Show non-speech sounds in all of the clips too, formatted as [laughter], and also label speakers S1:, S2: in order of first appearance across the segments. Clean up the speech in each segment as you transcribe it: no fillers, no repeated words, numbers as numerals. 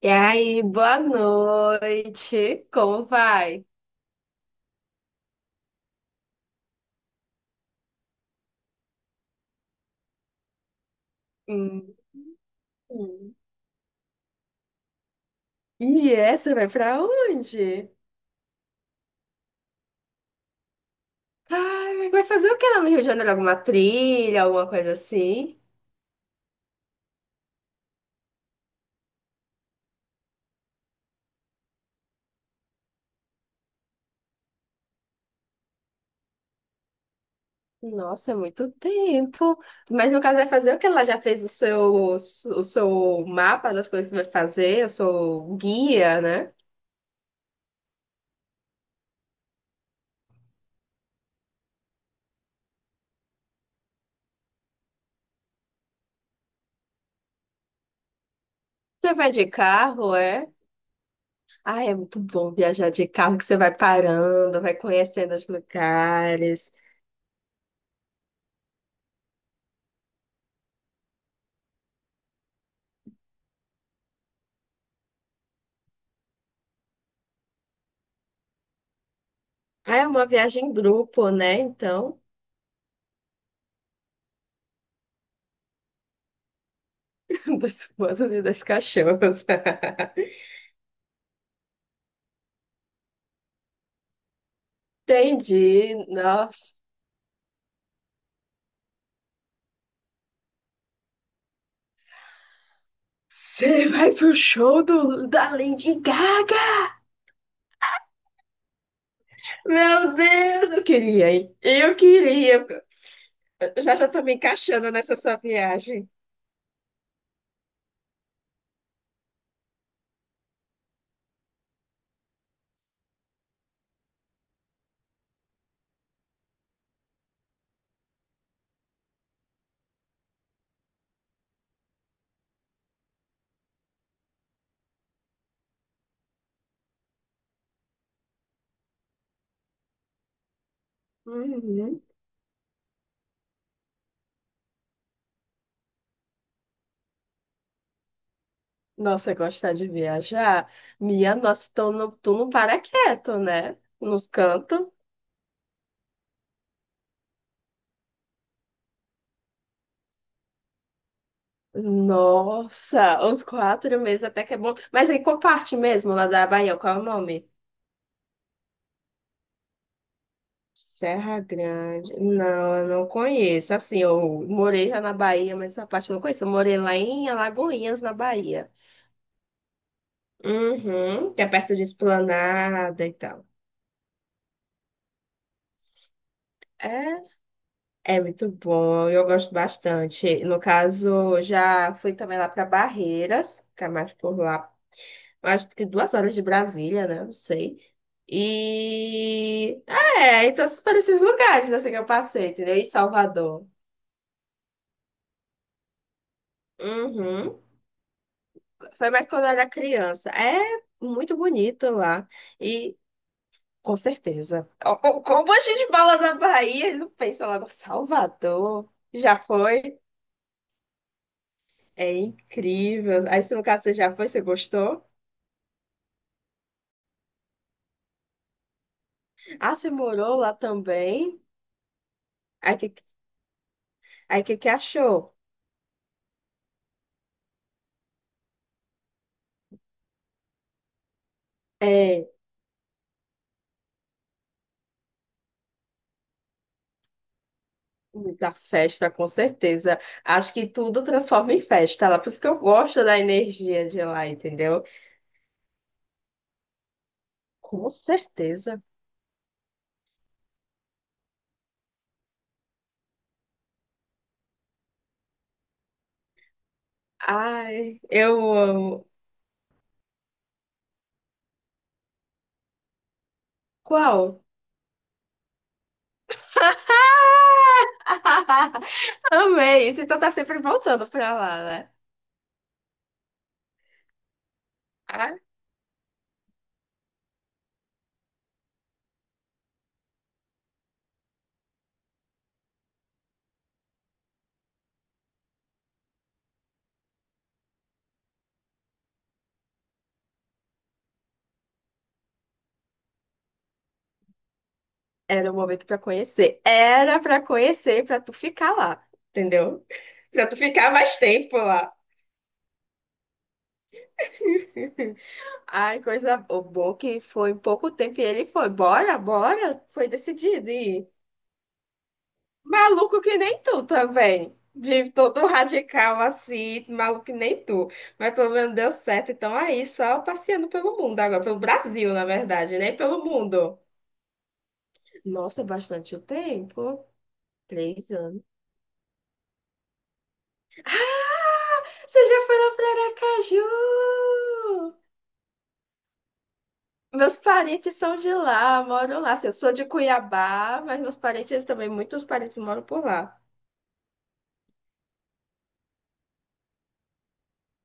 S1: E aí, boa noite. Como vai? Hum. Hum. E essa vai pra onde? Ai, vai fazer o que lá no Rio de Janeiro? Alguma trilha, alguma coisa assim? Nossa, é muito tempo. Mas no caso, vai fazer o que ela já fez o seu mapa das coisas que vai fazer, o seu guia, né? Você vai de carro, é? Ai, é muito bom viajar de carro, que você vai parando, vai conhecendo os lugares. Ah, é uma viagem em grupo, né? Então, [laughs] dos humanos e dos cachorros. [laughs] Entendi. Nossa. Você vai pro show da Lady Gaga? Meu Deus, eu queria, hein? Eu queria. Eu já já tô me encaixando nessa sua viagem. Uhum. Nossa, gostar de viajar? Minha nossa, tu não para quieto, né? Nos cantos. Nossa, os 4 meses até que é bom. Mas em qual parte mesmo, lá da Bahia? Qual é o nome? Serra Grande. Não, eu não conheço. Assim, eu morei já na Bahia, mas essa parte eu não conheço. Eu morei lá em Alagoinhas, na Bahia. Uhum, que é perto de Esplanada e tal. É, é muito bom, eu gosto bastante. No caso, já fui também lá para Barreiras, que é mais por lá, acho que 2 horas de Brasília, né? Não sei. E é, então por esses lugares assim que eu passei, entendeu? E Salvador. Uhum. Foi mais quando eu era criança. É muito bonito lá. E com certeza. Ó, como a gente fala da Bahia, ele não pensa logo, Salvador. Já foi? É incrível. Aí, se no caso você já foi, você gostou? Ah, você morou lá também? Aí que, aí que que achou? É. Muita festa, com certeza. Acho que tudo transforma em festa lá. Por isso que eu gosto da energia de lá, entendeu? Com certeza. Ai, eu amo. Qual? [laughs] Amei isso. Então tá sempre voltando pra lá, né? Ah, era o momento pra conhecer. Era pra conhecer, pra tu ficar lá, entendeu? [laughs] Pra tu ficar mais tempo lá. [laughs] Ai, coisa boa que foi em pouco tempo e ele foi. Bora, bora. Foi decidido ir. Maluco que nem tu também. De todo radical assim, maluco que nem tu. Mas pelo menos deu certo. Então aí, só passeando pelo mundo agora, pelo Brasil, na verdade, nem pelo mundo. Nossa, é bastante o tempo. 3 anos. Você já foi lá para Aracaju? Meus parentes são de lá, moram lá. Assim, eu sou de Cuiabá, mas meus parentes também, muitos parentes moram por lá.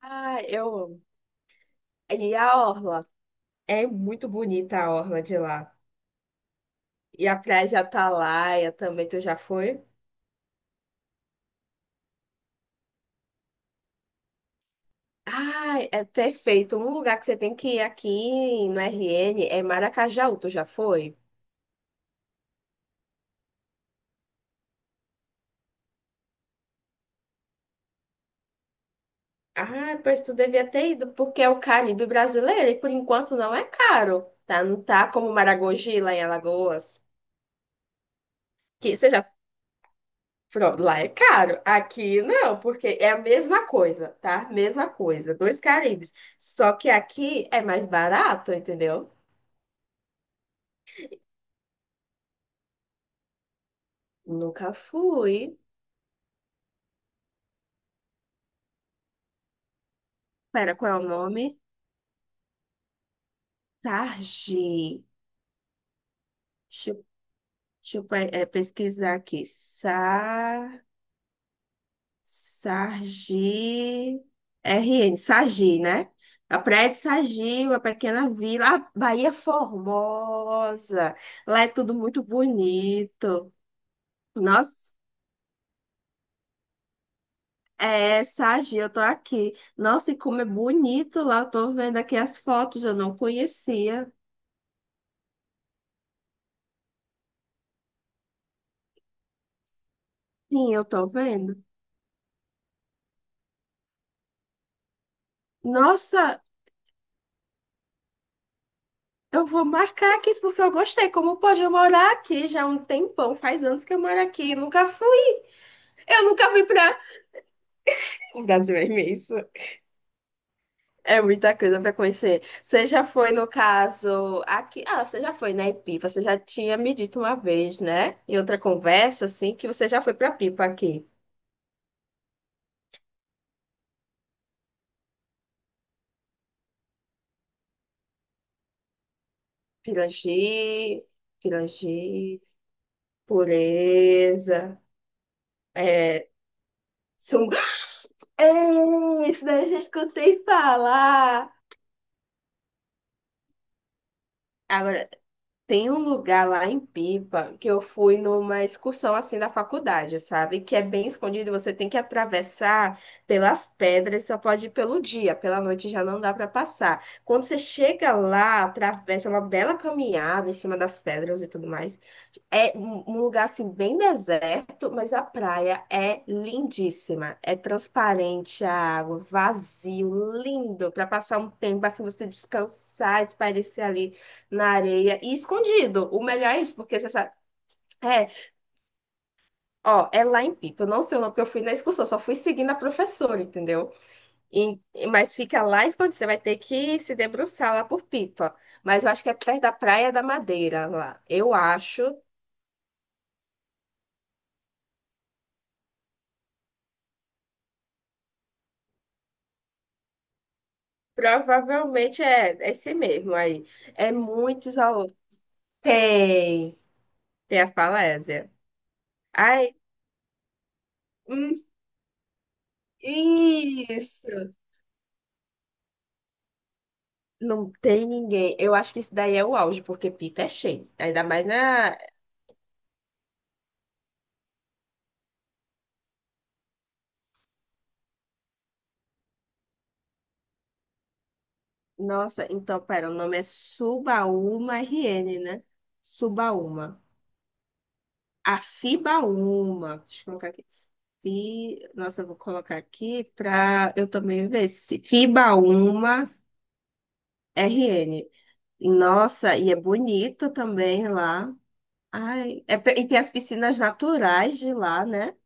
S1: Ah, eu amo. E a orla? É muito bonita a orla de lá. E a praia de Atalaia também, tu já foi? Ai, é perfeito. Um lugar que você tem que ir aqui no RN é Maracajaú, tu já foi? Ah, pois tu devia ter ido, porque é o Caribe brasileiro e por enquanto não é caro, tá? Não tá como Maragogi lá em Alagoas, que você já pronto, lá é caro. Aqui não, porque é a mesma coisa, tá? Mesma coisa, dois Caribes. Só que aqui é mais barato, entendeu? Nunca fui. Pera, qual é o nome? Sarge. Deixa, eu deixa eu pesquisar aqui. Sargi RN Sargi, né? A Praia de Sargi, uma pequena vila. Ah, Bahia é Formosa. Lá é tudo muito bonito. Nossa, é, Sargi, eu tô aqui. Nossa, e como é bonito lá. Eu tô vendo aqui as fotos, eu não conhecia. Sim, eu tô vendo. Nossa, eu vou marcar aqui porque eu gostei. Como pode eu morar aqui já há um tempão, faz anos que eu moro aqui, nunca fui. Eu nunca fui para. O Brasil é imenso. É muita coisa para conhecer. Você já foi, no caso, aqui. Ah, você já foi na Pipa, você já tinha me dito uma vez, né? Em outra conversa, assim, que você já foi para Pipa aqui. Pirangi, Pirangi, Pureza, é. Sum... Ei, isso daí eu já escutei falar. Agora, tem um lugar lá em Pipa que eu fui numa excursão assim da faculdade, sabe? Que é bem escondido, você tem que atravessar pelas pedras, só pode ir pelo dia, pela noite já não dá para passar. Quando você chega lá, atravessa uma bela caminhada em cima das pedras e tudo mais. É um lugar assim bem deserto, mas a praia é lindíssima. É transparente a água, vazio, lindo para passar um tempo assim você descansar, espairecer ali na areia e escondido. O melhor é isso, porque você sabe. É, ó, é lá em Pipa. Eu não sei o nome, porque eu fui na excursão, só fui seguindo a professora, entendeu? E- mas fica lá escondido. Você vai ter que se debruçar lá por Pipa. Mas eu acho que é perto da Praia da Madeira lá. Eu acho. Provavelmente é esse mesmo aí. É muito isolado. Tem. Tem a falésia. Ai, hum, isso. Não tem ninguém. Eu acho que isso daí é o auge, porque Pipa é cheio. Ainda mais na. Nossa, então, pera, o nome é Subaúma RN, né? Subaúma. Afibaúma. Deixa eu colocar aqui. Nossa, eu vou colocar aqui para eu também ver se Fibaúma RN. Nossa, e é bonito também lá. E tem as piscinas naturais de lá, né?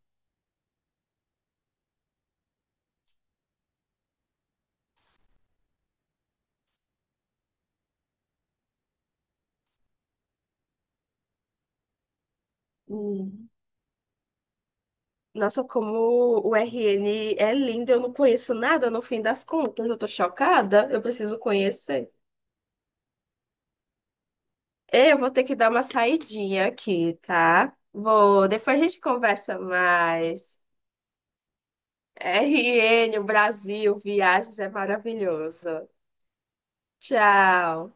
S1: Hum. Nossa, como o RN é lindo, eu não conheço nada no fim das contas, eu tô chocada, eu preciso conhecer. Eu vou ter que dar uma saidinha aqui, tá? Vou, depois a gente conversa mais. [laughs] RN, o Brasil, viagens é maravilhoso. Tchau.